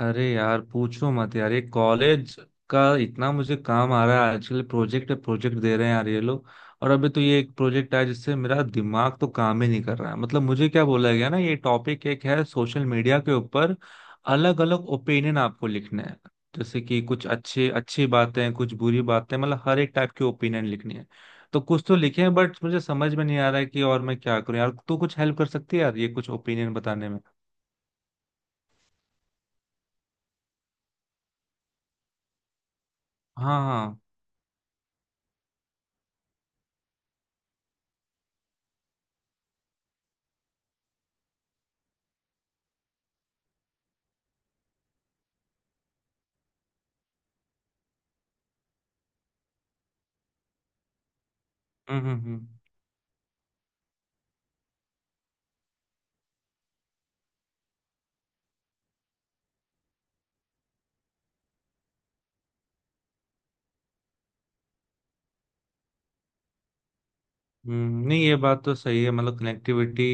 अरे यार, पूछो मत यार। ये कॉलेज का इतना मुझे काम आ रहा है आजकल। प्रोजेक्ट प्रोजेक्ट दे रहे हैं यार ये लोग। और अभी तो ये एक प्रोजेक्ट आया जिससे मेरा दिमाग तो काम ही नहीं कर रहा है। मतलब मुझे क्या बोला गया ना, ये टॉपिक एक है सोशल मीडिया के ऊपर। अलग अलग ओपिनियन आपको लिखने हैं। जैसे कि कुछ अच्छे अच्छी बातें कुछ बुरी बातें, मतलब हर एक टाइप के ओपिनियन लिखनी है। तो कुछ तो लिखे हैं बट मुझे समझ में नहीं आ रहा है कि और मैं क्या करूं यार। तू कुछ हेल्प कर सकती है यार ये कुछ ओपिनियन बताने में? हाँ हाँ। हम्म, हम्म, हम्म। नहीं ये बात तो सही है। मतलब कनेक्टिविटी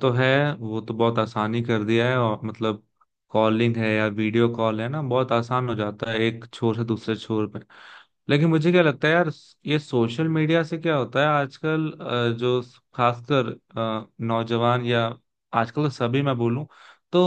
तो है। वो तो बहुत आसानी कर दिया है, और मतलब कॉलिंग है या वीडियो कॉल है ना, बहुत आसान हो जाता है एक छोर से दूसरे छोर पे। लेकिन मुझे क्या लगता है यार, ये सोशल मीडिया से क्या होता है आजकल? जो खासकर नौजवान या आजकल तो सभी मैं बोलूं, तो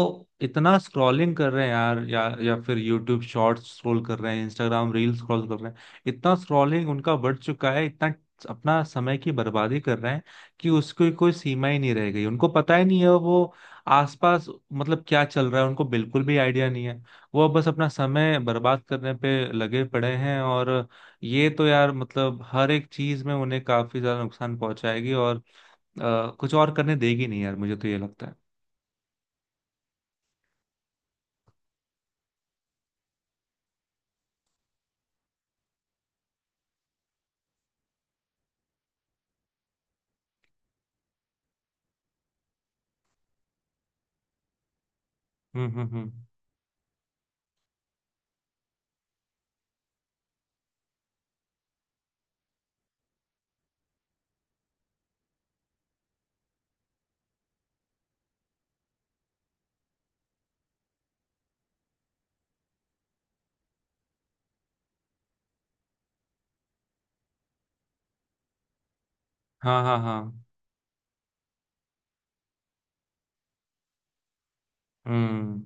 इतना स्क्रॉलिंग कर रहे हैं यार। या फिर यूट्यूब शॉर्ट्स स्क्रॉल कर रहे हैं, इंस्टाग्राम रील स्क्रॉल कर रहे हैं। इतना स्क्रॉलिंग उनका बढ़ चुका है, इतना अपना समय की बर्बादी कर रहे हैं कि उसकी कोई सीमा ही नहीं रह गई। उनको पता ही नहीं है वो आसपास मतलब क्या चल रहा है, उनको बिल्कुल भी आइडिया नहीं है। वो बस अपना समय बर्बाद करने पे लगे पड़े हैं। और ये तो यार मतलब हर एक चीज में उन्हें काफी ज्यादा नुकसान पहुंचाएगी, और कुछ और करने देगी नहीं यार, मुझे तो ये लगता है। हम्म, हम्म, हम्म। हाँ हाँ हाँ। हम्म।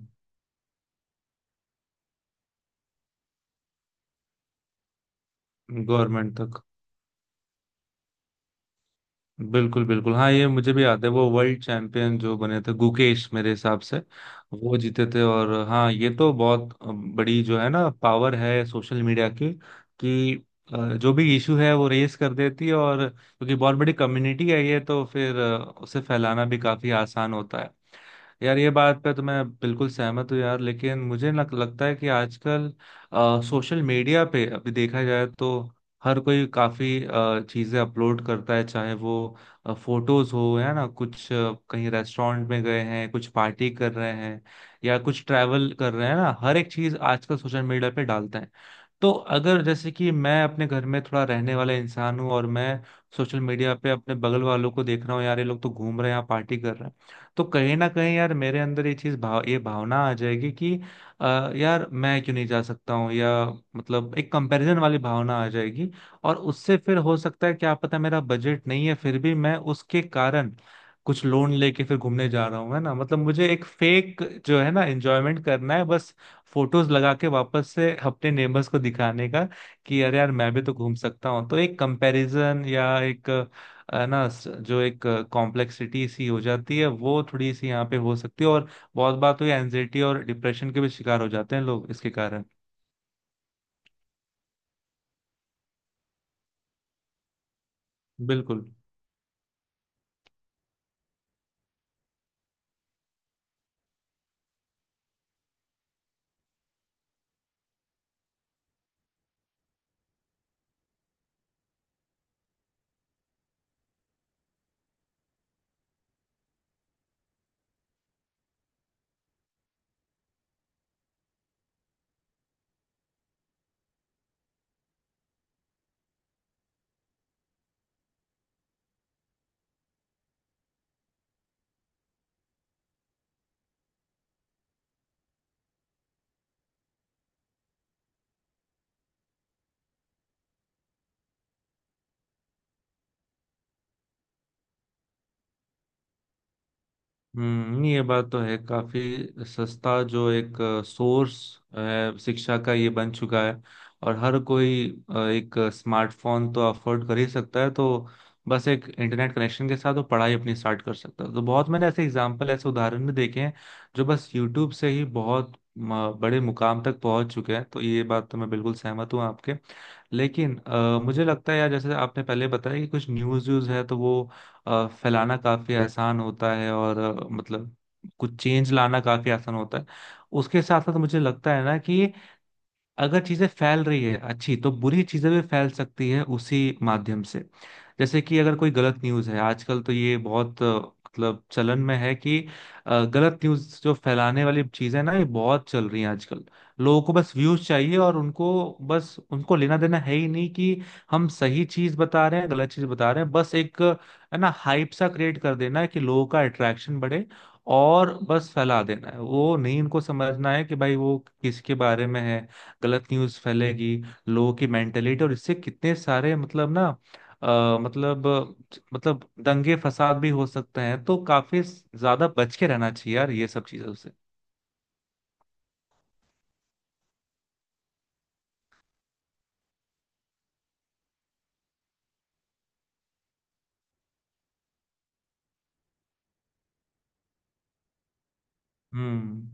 गवर्नमेंट तक। बिल्कुल बिल्कुल, हाँ ये मुझे भी याद है। वो वर्ल्ड चैंपियन जो बने थे, गुकेश मेरे हिसाब से, वो जीते थे। और हाँ, ये तो बहुत बड़ी जो है ना, पावर है सोशल मीडिया की, कि जो भी इशू है वो रेस कर देती है। और क्योंकि बहुत बड़ी कम्युनिटी है ये, तो फिर उसे फैलाना भी काफी आसान होता है। यार ये बात पे तो मैं बिल्कुल सहमत हूँ यार। लेकिन मुझे लगता है कि आजकल सोशल मीडिया पे अभी देखा जाए तो हर कोई काफी चीजें अपलोड करता है, चाहे वो फोटोज हो, है ना, कुछ कहीं रेस्टोरेंट में गए हैं, कुछ पार्टी कर रहे हैं या कुछ ट्रैवल कर रहे हैं ना, हर एक चीज आजकल सोशल मीडिया पे डालते हैं। तो अगर जैसे कि मैं अपने घर में थोड़ा रहने वाला इंसान हूँ और मैं सोशल मीडिया पे अपने बगल वालों को देख रहा हूँ, यार ये लोग तो घूम रहे हैं पार्टी कर रहे हैं। तो कहीं ना कहीं यार मेरे अंदर ये चीज भाव ये भावना आ जाएगी कि अ, यार मैं क्यों नहीं जा सकता हूँ, या मतलब एक कंपैरिजन वाली भावना आ जाएगी। और उससे फिर हो सकता है, क्या पता मेरा बजट नहीं है फिर भी मैं उसके कारण कुछ लोन लेके फिर घूमने जा रहा हूँ, है ना। मतलब मुझे एक फेक जो है ना एंजॉयमेंट करना है, बस फोटोज लगा के वापस से अपने नेबर्स को दिखाने का कि अरे यार मैं भी तो घूम सकता हूँ। तो एक कंपैरिजन या एक जो एक कॉम्प्लेक्सिटी सी हो जाती है, वो थोड़ी सी यहाँ पे हो सकती है। और बहुत बार तो ये एनजाइटी और डिप्रेशन के भी शिकार हो जाते हैं लोग इसके कारण। बिल्कुल। हम्म, ये बात तो है। काफी सस्ता जो एक सोर्स शिक्षा का ये बन चुका है। और हर कोई एक स्मार्टफोन तो अफोर्ड कर ही सकता है, तो बस एक इंटरनेट कनेक्शन के साथ वो पढ़ाई अपनी स्टार्ट कर सकता है। तो बहुत मैंने ऐसे एग्जांपल ऐसे उदाहरण भी देखे हैं जो बस यूट्यूब से ही बहुत बड़े मुकाम तक पहुंच चुके हैं। तो ये बात तो मैं बिल्कुल सहमत हूँ आपके। लेकिन मुझे लगता है यार, जैसे आपने पहले बताया कि कुछ न्यूज़ व्यूज़ है तो वो फैलाना काफी आसान होता है, और मतलब कुछ चेंज लाना काफी आसान होता है। उसके साथ साथ मुझे लगता है ना कि अगर चीजें फैल रही है अच्छी, तो बुरी चीजें भी फैल सकती है उसी माध्यम से। जैसे कि अगर कोई गलत न्यूज है आजकल, तो ये बहुत मतलब चलन में है कि गलत न्यूज जो फैलाने वाली चीजें ना, ये बहुत चल रही हैं आजकल। लोगों को बस व्यूज चाहिए, और उनको बस उनको लेना देना है ही नहीं कि हम सही चीज बता रहे हैं गलत चीज बता रहे हैं। बस एक है ना हाइप सा क्रिएट कर देना है कि लोगों का अट्रैक्शन बढ़े, और बस फैला देना है। वो नहीं इनको समझना है कि भाई वो किसके बारे में है। गलत न्यूज़ फैलेगी लोगों की मेंटेलिटी, और इससे कितने सारे मतलब ना, अ, मतलब मतलब दंगे फसाद भी हो सकते हैं। तो काफी ज्यादा बच के रहना चाहिए यार ये सब चीजों से। हम्म।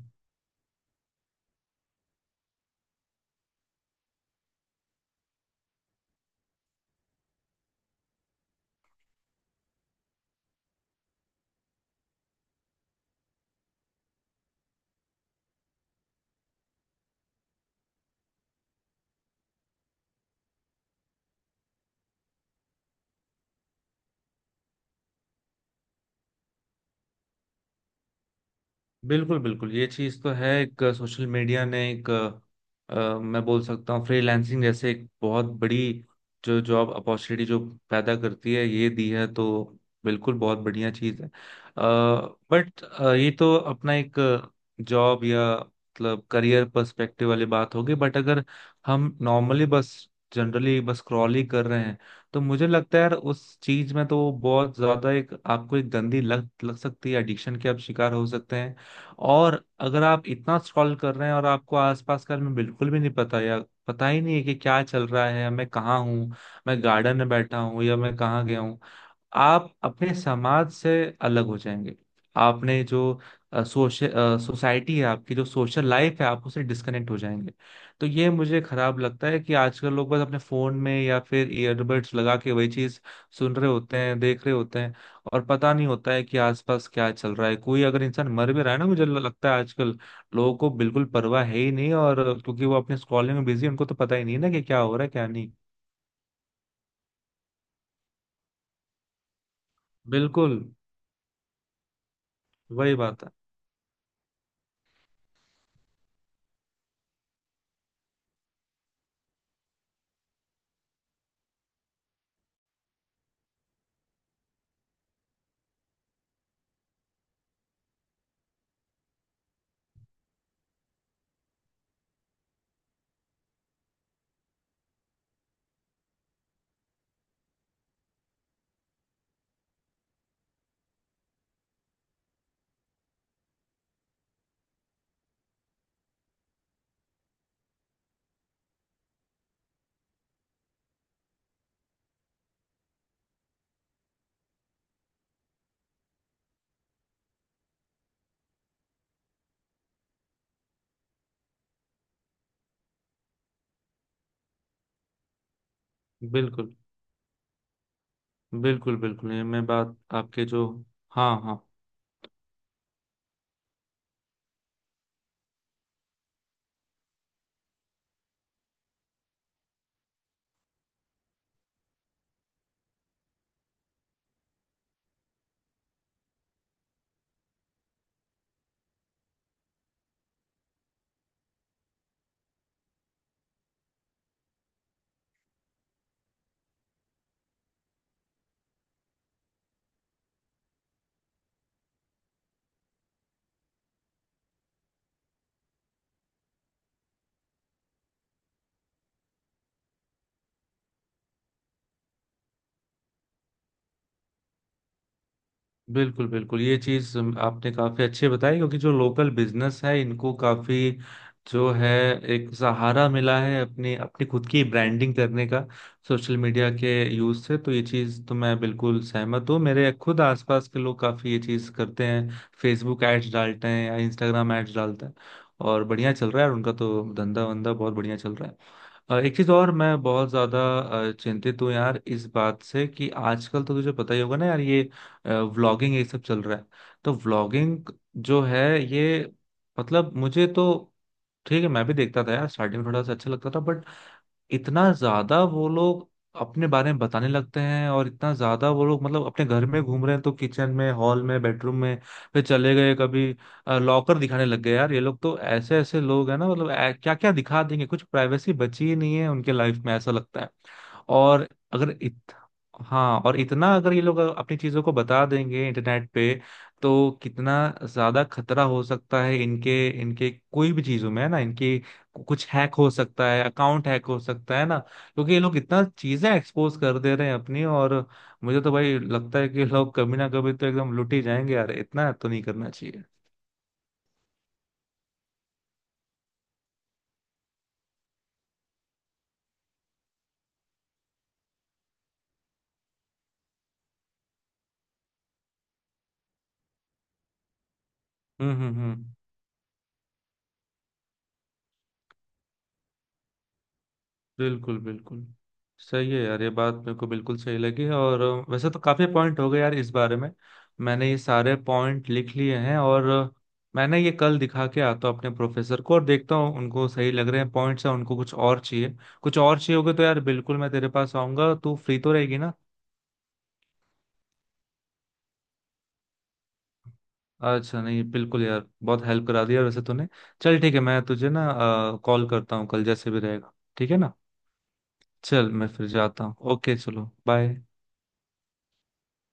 बिल्कुल बिल्कुल, ये चीज तो है। एक सोशल मीडिया ने एक मैं बोल सकता हूँ फ्रीलांसिंग जैसे एक बहुत बड़ी जो जॉब अपॉर्चुनिटी जो पैदा करती है, ये दी है। तो बिल्कुल बहुत बढ़िया चीज है। बट ये तो अपना एक जॉब या मतलब करियर पर्सपेक्टिव वाली बात होगी। बट अगर हम नॉर्मली बस जनरली बस स्क्रॉल ही कर रहे हैं, तो मुझे लगता है यार उस चीज में तो बहुत ज्यादा एक आपको एक गंदी लत लग सकती है, एडिक्शन के आप शिकार हो सकते हैं। और अगर आप इतना स्क्रॉल कर रहे हैं और आपको आसपास का में बिल्कुल भी नहीं पता, या पता ही नहीं है कि क्या चल रहा है, मैं कहाँ हूँ, मैं गार्डन में बैठा हूँ या मैं कहाँ गया हूँ। आप अपने समाज से अलग हो जाएंगे। आपने जो सोशल सोसाइटी है आपकी, जो सोशल लाइफ है, आप उससे डिस्कनेक्ट हो जाएंगे। तो ये मुझे खराब लगता है कि आजकल लोग बस अपने फोन में या फिर ईयरबड्स लगा के वही चीज सुन रहे होते हैं, देख रहे होते हैं, और पता नहीं होता है कि आसपास क्या चल रहा है। कोई अगर इंसान मर भी रहा है ना, मुझे लगता है आजकल लोगों को बिल्कुल परवाह है ही नहीं, और क्योंकि वो अपने स्क्रॉलिंग में बिजी है, उनको तो पता ही नहीं है ना कि क्या हो रहा है क्या नहीं। बिल्कुल। वही बात है। बिल्कुल बिल्कुल, बिल्कुल ये मैं बात आपके जो। हाँ हाँ। बिल्कुल बिल्कुल, ये चीज आपने काफी अच्छी बताई, क्योंकि जो लोकल बिजनेस है इनको काफी जो है एक सहारा मिला है अपनी अपनी खुद की ब्रांडिंग करने का, सोशल मीडिया के यूज से। तो ये चीज तो मैं बिल्कुल सहमत हूँ, मेरे खुद आसपास के लोग काफी ये चीज करते हैं। फेसबुक एड्स डालते हैं या इंस्टाग्राम एड्स डालते हैं, और बढ़िया चल रहा है, और उनका तो धंधा वंदा बहुत बढ़िया चल रहा है। एक चीज और मैं बहुत ज्यादा चिंतित हूँ यार इस बात से, कि आजकल तो तुझे पता ही होगा ना यार, ये व्लॉगिंग ये सब चल रहा है। तो व्लॉगिंग जो है ये, मतलब मुझे तो ठीक है, मैं भी देखता था यार स्टार्टिंग में, थोड़ा सा अच्छा लगता था। बट इतना ज्यादा वो लोग अपने बारे में बताने लगते हैं, और इतना ज्यादा वो लोग मतलब अपने घर में घूम रहे हैं तो किचन में, हॉल में, बेडरूम में, फिर चले गए कभी लॉकर दिखाने लग गए। यार ये लोग तो ऐसे ऐसे लोग हैं ना, मतलब क्या क्या दिखा देंगे, कुछ प्राइवेसी बची ही नहीं है उनके लाइफ में ऐसा लगता है। और अगर इत, हाँ, और इतना अगर ये लोग अपनी चीजों को बता देंगे इंटरनेट पे, तो कितना ज्यादा खतरा हो सकता है इनके इनके कोई भी चीजों में, है ना। इनकी कुछ हैक हो सकता है, अकाउंट हैक हो सकता है ना, क्योंकि ये लोग इतना चीजें एक्सपोज कर दे रहे हैं अपनी। और मुझे तो भाई लगता है कि ये लोग कभी ना कभी तो एकदम लुट ही जाएंगे यार, इतना तो नहीं करना चाहिए। हम्म, हम्म, हम्म। बिल्कुल बिल्कुल। सही है यार, ये बात मेरे को बिल्कुल सही लगी है। और वैसे तो काफी पॉइंट हो गए यार इस बारे में। मैंने ये सारे पॉइंट लिख लिए हैं, और मैंने ये कल दिखा के आता हूँ अपने प्रोफेसर को, और देखता हूँ उनको सही लग रहे हैं पॉइंट्स हैं, उनको कुछ और चाहिए। कुछ और चाहिए होगा तो यार बिल्कुल मैं तेरे पास आऊंगा, तू फ्री तो रहेगी ना? अच्छा नहीं, बिल्कुल यार, बहुत हेल्प करा दिया वैसे तूने। चल ठीक है, मैं तुझे ना कॉल करता हूँ कल, जैसे भी रहेगा, ठीक है ना? चल मैं फिर जाता हूँ, ओके चलो बाय।